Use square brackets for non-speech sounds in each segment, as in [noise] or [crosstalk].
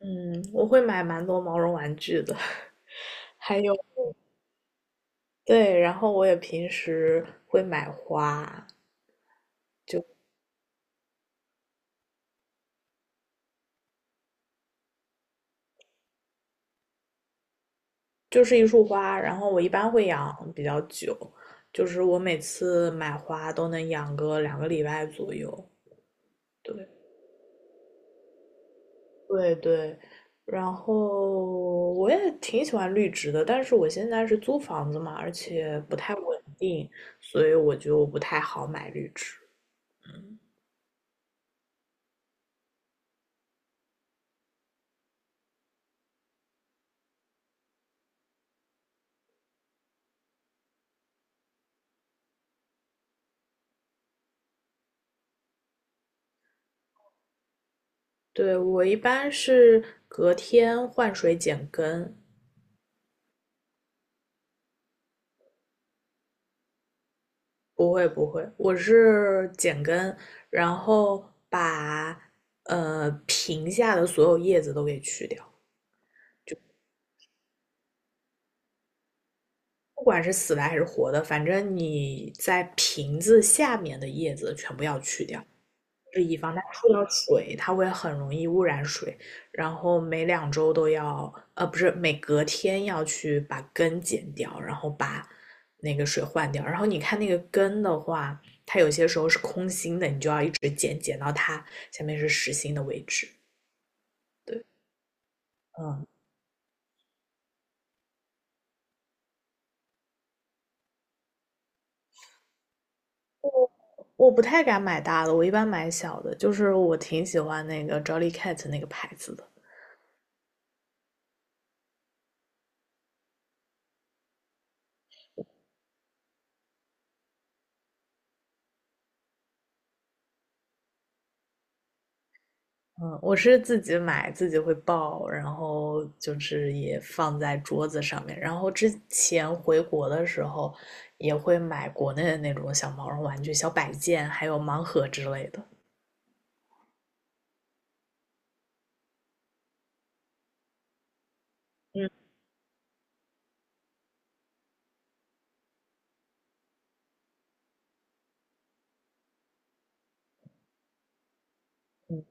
嗯，我会买蛮多毛绒玩具的，[laughs] 还有，对，然后我也平时会买花，就是一束花，然后我一般会养比较久，就是我每次买花都能养个两个礼拜左右。对，对对，然后我也挺喜欢绿植的，但是我现在是租房子嘛，而且不太稳定，所以我就不太好买绿植。对，我一般是隔天换水剪根，不会不会，我是剪根，然后把瓶下的所有叶子都给去掉，不管是死的还是活的，反正你在瓶子下面的叶子全部要去掉，就以防它触到水，它会很容易污染水。然后每两周都要，不是每隔天要去把根剪掉，然后把那个水换掉。然后你看那个根的话，它有些时候是空心的，你就要一直剪，剪到它下面是实心的位置。对，嗯，我我不太敢买大的，我一般买小的。就是我挺喜欢那个 Jolly Cat 那个牌子的，嗯，我是自己买，自己会抱，然后就是也放在桌子上面。然后之前回国的时候，也会买国内的那种小毛绒玩具、小摆件，还有盲盒之类的。嗯，嗯，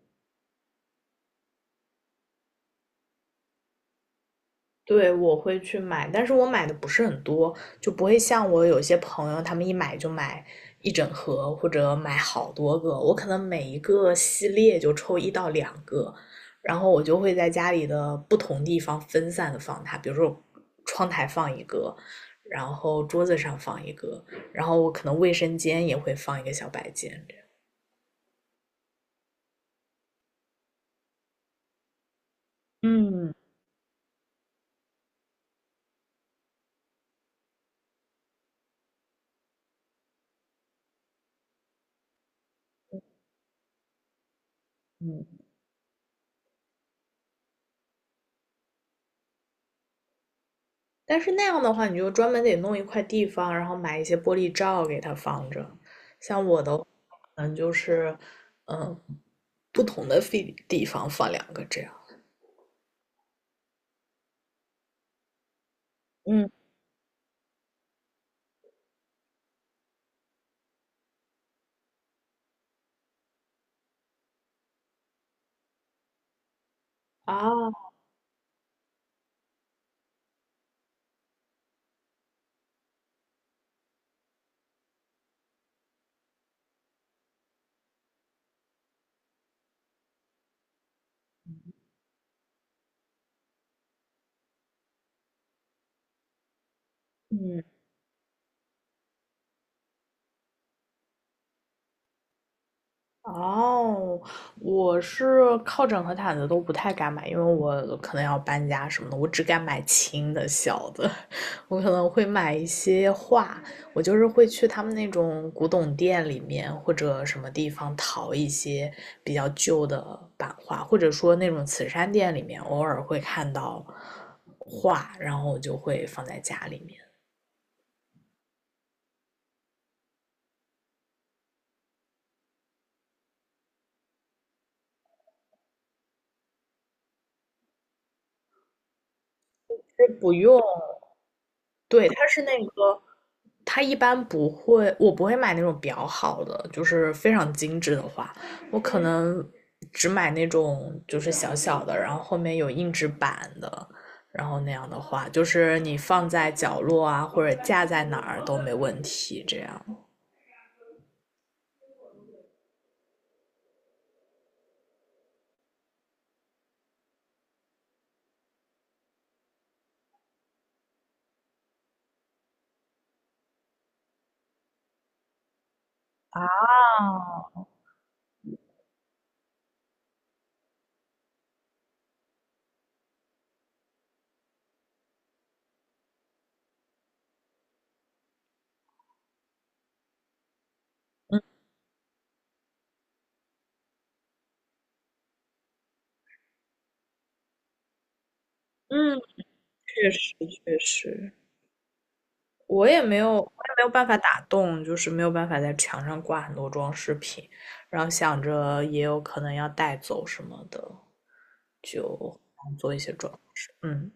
对，我会去买，但是我买的不是很多，就不会像我有些朋友，他们一买就买一整盒或者买好多个，我可能每一个系列就抽一到两个，然后我就会在家里的不同地方分散的放它，比如说窗台放一个，然后桌子上放一个，然后我可能卫生间也会放一个小摆件这样。嗯嗯，但是那样的话，你就专门得弄一块地方，然后买一些玻璃罩给它放着。像我的嗯，可能就是，嗯，不同的地方放两个这样。嗯啊，嗯。哦，我是靠枕和毯子都不太敢买，因为我可能要搬家什么的，我只敢买轻的小的，[laughs] 我可能会买一些画，我就是会去他们那种古董店里面或者什么地方淘一些比较旧的版画，或者说那种慈善店里面偶尔会看到画，然后我就会放在家里面，是不用，对，它是那个。它一般不会，我不会买那种比较好的，就是非常精致的花，我可能只买那种就是小小的，然后后面有硬纸板的，然后那样的花，就是你放在角落啊，或者架在哪儿都没问题，这样。哦，嗯，确实确实。我也没有，我也没有办法打洞，就是没有办法在墙上挂很多装饰品，然后想着也有可能要带走什么的，就做一些装饰。嗯，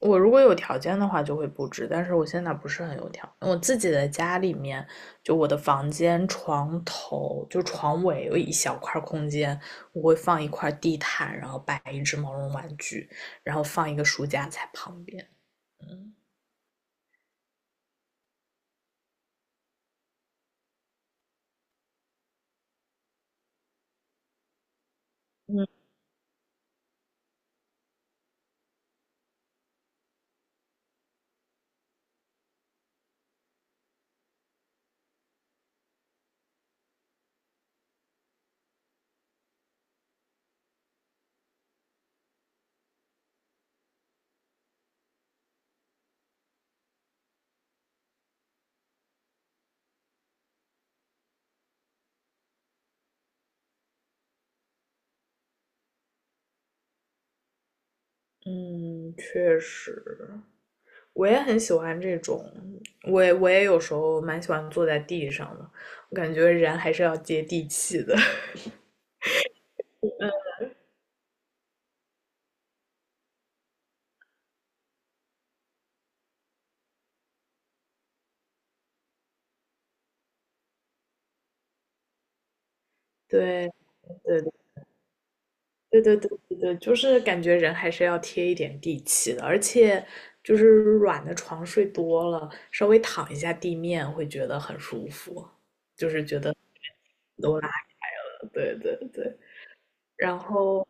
我如果有条件的话就会布置，但是我现在不是很有条件我自己的家里面，就我的房间床头就床尾有一小块空间，我会放一块地毯，然后摆一只毛绒玩具，然后放一个书架在旁边。嗯，嗯，确实，我也很喜欢这种，我也有时候蛮喜欢坐在地上的，我感觉人还是要接地气的。[laughs] 对对对对，就是感觉人还是要贴一点地气的，而且就是软的床睡多了，稍微躺一下地面会觉得很舒服，就是觉得 [laughs] 都拉开了。对对对。然后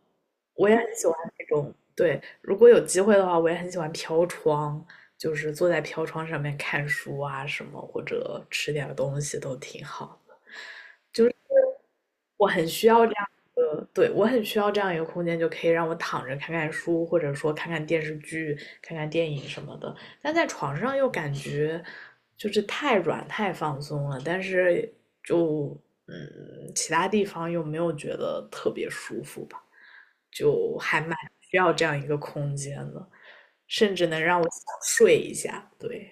我也很喜欢那种，对，如果有机会的话，我也很喜欢飘窗，就是坐在飘窗上面看书啊什么，或者吃点儿东西都挺好的我很需要这样一个，对，我很需要这样一个空间，就可以让我躺着看看书，或者说看看电视剧、看看电影什么的。但在床上又感觉就是太软、太放松了，但是就嗯，其他地方又没有觉得特别舒服吧，就还蛮需要这样一个空间的，甚至能让我想睡一下。对，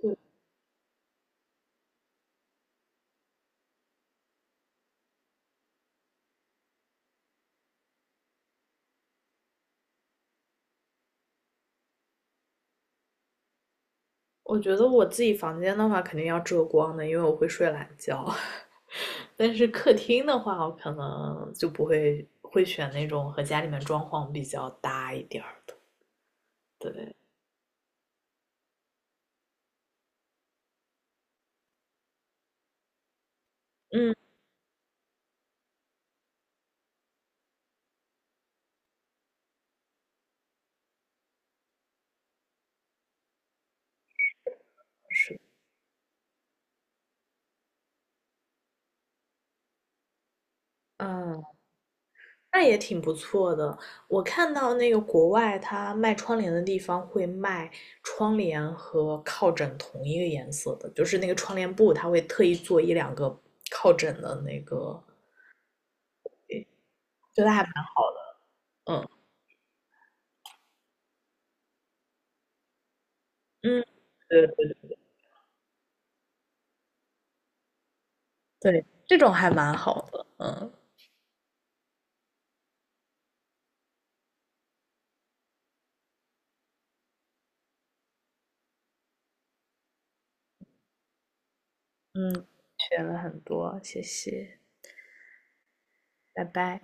对，我觉得我自己房间的话，肯定要遮光的，因为我会睡懒觉。[laughs] 但是客厅的话，我可能就不会选那种和家里面装潢比较搭一点儿的。对，嗯，是，嗯，那也挺不错的。我看到那个国外它卖窗帘的地方会卖窗帘和靠枕同一个颜色的，就是那个窗帘布，它会特意做一两个靠枕的那个，就它还蛮，嗯嗯。对对，这种还蛮好的，嗯嗯，学了很多，谢谢，拜拜。